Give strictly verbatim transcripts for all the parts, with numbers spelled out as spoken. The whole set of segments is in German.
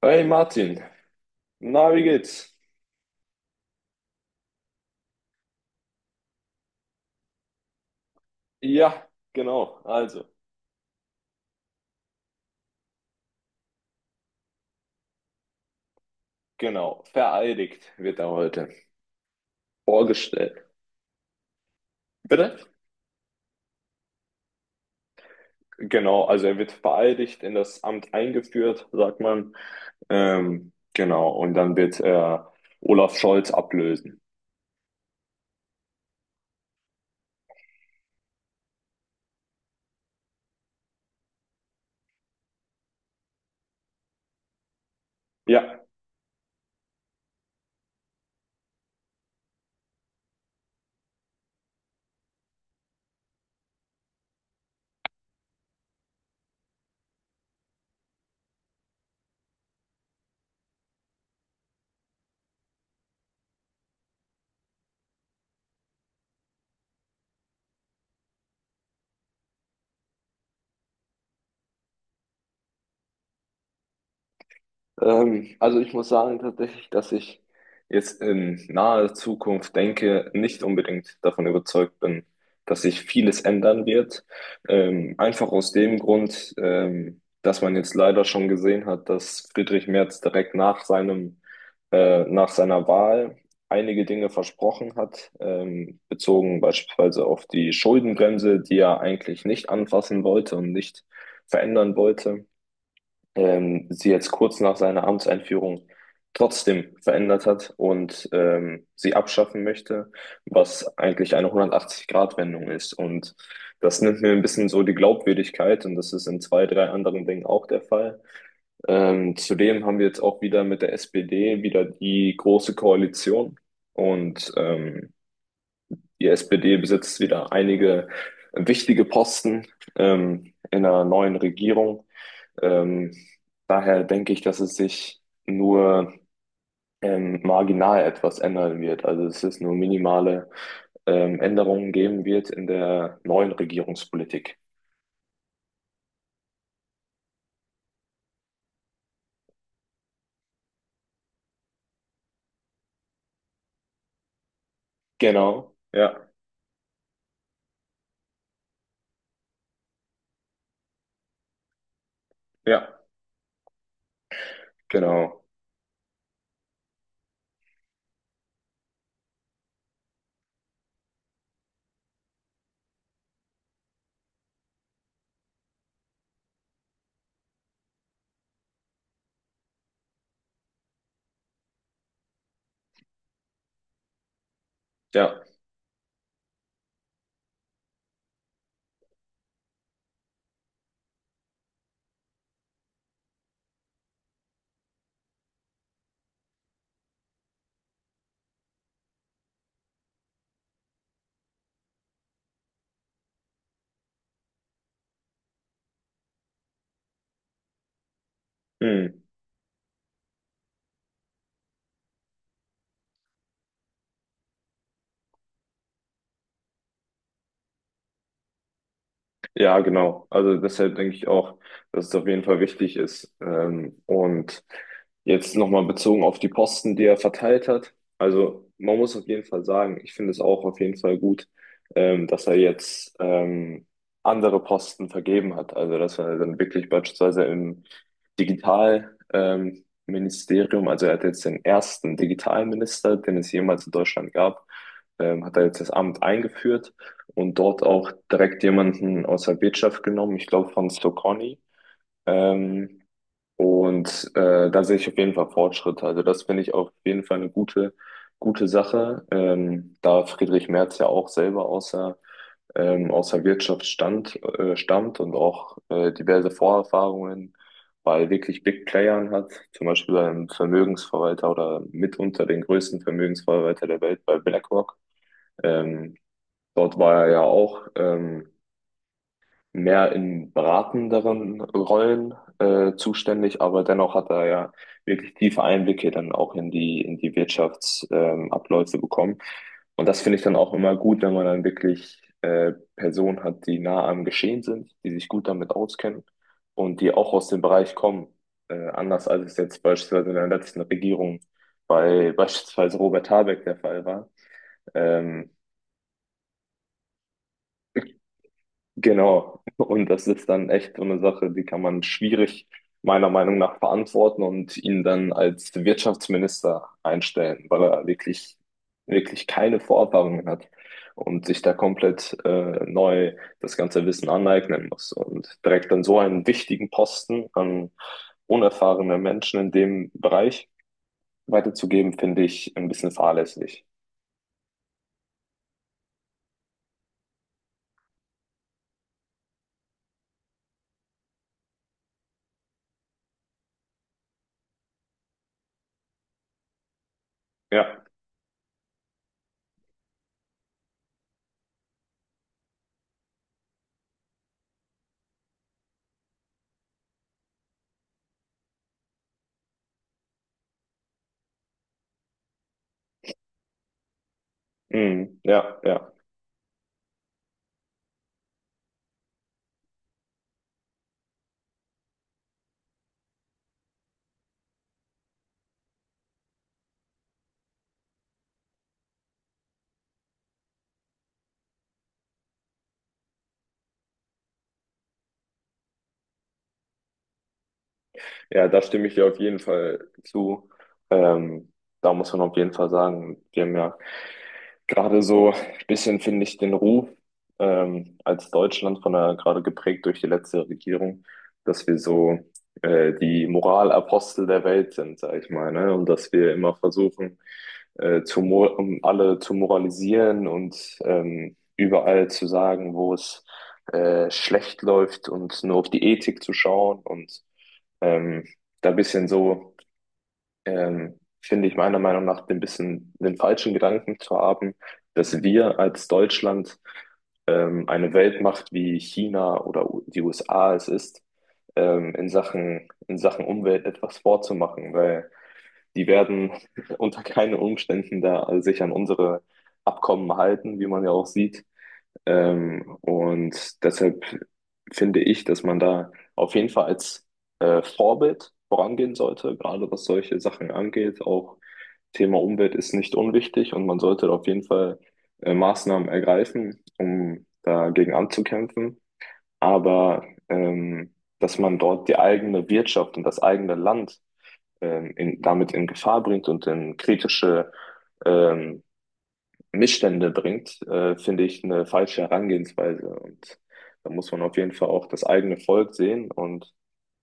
Hey Martin, na, wie geht's? Ja, genau, also, genau, vereidigt wird er heute vorgestellt. Bitte? Genau, also er wird vereidigt in das Amt eingeführt, sagt man. Ähm, genau, und dann wird er Olaf Scholz ablösen. Ja. Ähm, also ich muss sagen tatsächlich, dass ich jetzt in naher Zukunft denke, nicht unbedingt davon überzeugt bin, dass sich vieles ändern wird. Ähm, einfach aus dem Grund, ähm, dass man jetzt leider schon gesehen hat, dass Friedrich Merz direkt nach seinem, äh, nach seiner Wahl einige Dinge versprochen hat, ähm, bezogen beispielsweise auf die Schuldenbremse, die er eigentlich nicht anfassen wollte und nicht verändern wollte ähm, sie jetzt kurz nach seiner Amtseinführung trotzdem verändert hat und ähm, sie abschaffen möchte, was eigentlich eine hundertachtzig-Grad-Wendung ist. Und das nimmt mir ein bisschen so die Glaubwürdigkeit und das ist in zwei, drei anderen Dingen auch der Fall. Ähm, zudem haben wir jetzt auch wieder mit der S P D wieder die große Koalition und ähm, die S P D besitzt wieder einige wichtige Posten ähm, in einer neuen Regierung. Ähm, Daher denke ich, dass es sich nur ähm, marginal etwas ändern wird. Also es ist nur minimale ähm, Änderungen geben wird in der neuen Regierungspolitik. Genau, ja, ja, genau, ja. Hm. Ja, genau. Also deshalb denke ich auch, dass es auf jeden Fall wichtig ist. Ähm, und jetzt nochmal bezogen auf die Posten, die er verteilt hat. Also man muss auf jeden Fall sagen, ich finde es auch auf jeden Fall gut, ähm, dass er jetzt ähm, andere Posten vergeben hat. Also dass er dann wirklich beispielsweise im Digital, ähm, Ministerium, also er hat jetzt den ersten Digitalminister, den es jemals in Deutschland gab, ähm, hat er jetzt das Amt eingeführt und dort auch direkt jemanden aus der Wirtschaft genommen, ich glaube von Stocconi. Ähm, und äh, da sehe ich auf jeden Fall Fortschritte. Also das finde ich auf jeden Fall eine gute, gute Sache, ähm, da Friedrich Merz ja auch selber aus der, ähm, aus der Wirtschaft stand, äh, stammt und auch äh, diverse Vorerfahrungen bei wirklich Big Playern hat, zum Beispiel beim Vermögensverwalter oder mitunter den größten Vermögensverwalter der Welt bei BlackRock. Ähm, Dort war er ja auch. Ähm, mehr in beratenderen Rollen äh, zuständig, aber dennoch hat er ja wirklich tiefe Einblicke dann auch in die, in die Wirtschaftsabläufe ähm, Abläufe bekommen. Und das finde ich dann auch immer gut, wenn man dann wirklich äh, Personen hat, die nah am Geschehen sind, die sich gut damit auskennen und die auch aus dem Bereich kommen. Äh, anders als es jetzt beispielsweise in der letzten Regierung bei beispielsweise Robert Habeck der Fall war. Ähm, Genau. Und das ist dann echt so eine Sache, die kann man schwierig meiner Meinung nach verantworten und ihn dann als Wirtschaftsminister einstellen, weil er wirklich, wirklich keine Vorerfahrungen hat und sich da komplett äh, neu das ganze Wissen aneignen muss. Und direkt an so einen wichtigen Posten an unerfahrene Menschen in dem Bereich weiterzugeben, finde ich ein bisschen fahrlässig. Ja, mm, ja, ja. Ja, da stimme ich dir auf jeden Fall zu. Ähm, Da muss man auf jeden Fall sagen, wir haben ja gerade so ein bisschen finde ich den Ruf ähm, als Deutschland von der, gerade geprägt durch die letzte Regierung, dass wir so äh, die Moralapostel der Welt sind, sag ich mal, ne? Und dass wir immer versuchen, äh, zu mo- um alle zu moralisieren und ähm, überall zu sagen, wo es äh, schlecht läuft und nur auf die Ethik zu schauen und ähm, da ein bisschen so ähm, finde ich meiner Meinung nach den bisschen den falschen Gedanken zu haben, dass wir als Deutschland ähm, eine Weltmacht wie China oder U- die U S A es ist, ähm, in Sachen, in Sachen Umwelt etwas vorzumachen, weil die werden unter keinen Umständen da sich an unsere Abkommen halten, wie man ja auch sieht. Ähm, und deshalb finde ich, dass man da auf jeden Fall als äh, Vorbild vorangehen sollte, gerade was solche Sachen angeht. Auch Thema Umwelt ist nicht unwichtig und man sollte da auf jeden Fall äh, Maßnahmen ergreifen, um dagegen anzukämpfen. Aber ähm, dass man dort die eigene Wirtschaft und das eigene Land ähm, in, damit in Gefahr bringt und in kritische ähm, Missstände bringt, äh, finde ich eine falsche Herangehensweise. Und da muss man auf jeden Fall auch das eigene Volk sehen und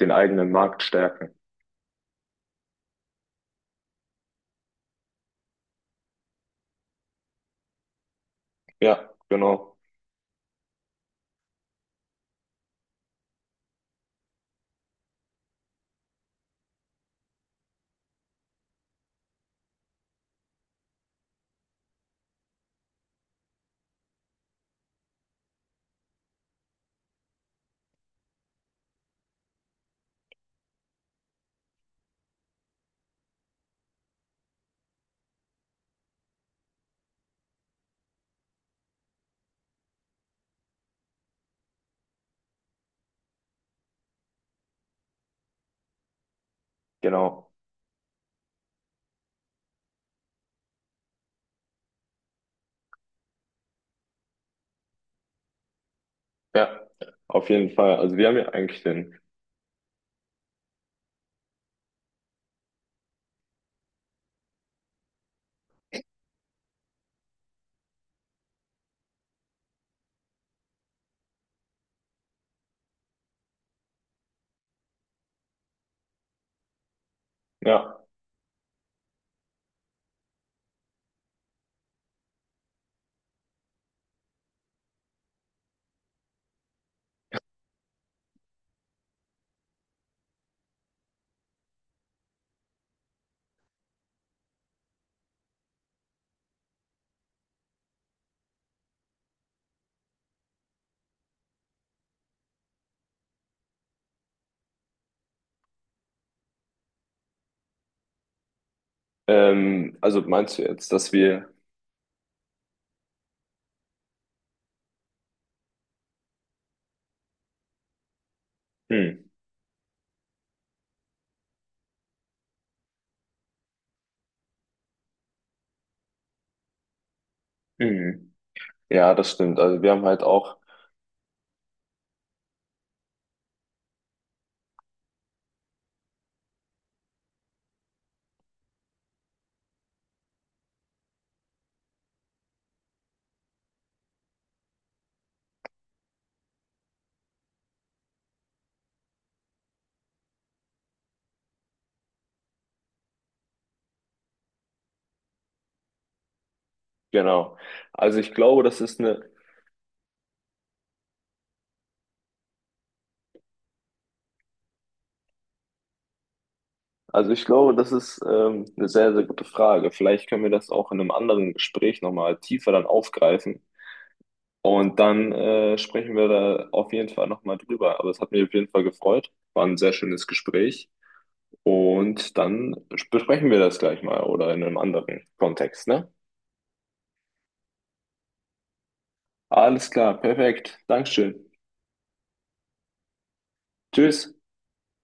den eigenen Markt stärken. Ja, genau, genau. Ja, auf jeden Fall. Also wir haben ja eigentlich den, ja. Ähm, also meinst du jetzt, dass wir, hm, hm, ja, das stimmt. Also wir haben halt auch, genau. Also ich glaube, das ist eine, also ich glaube, das ist ähm, eine sehr, sehr gute Frage. Vielleicht können wir das auch in einem anderen Gespräch nochmal tiefer dann aufgreifen. Und dann äh, sprechen wir da auf jeden Fall nochmal drüber. Aber es hat mich auf jeden Fall gefreut. War ein sehr schönes Gespräch. Und dann besprechen wir das gleich mal oder in einem anderen Kontext, ne? Alles klar, perfekt. Dankeschön. Tschüss.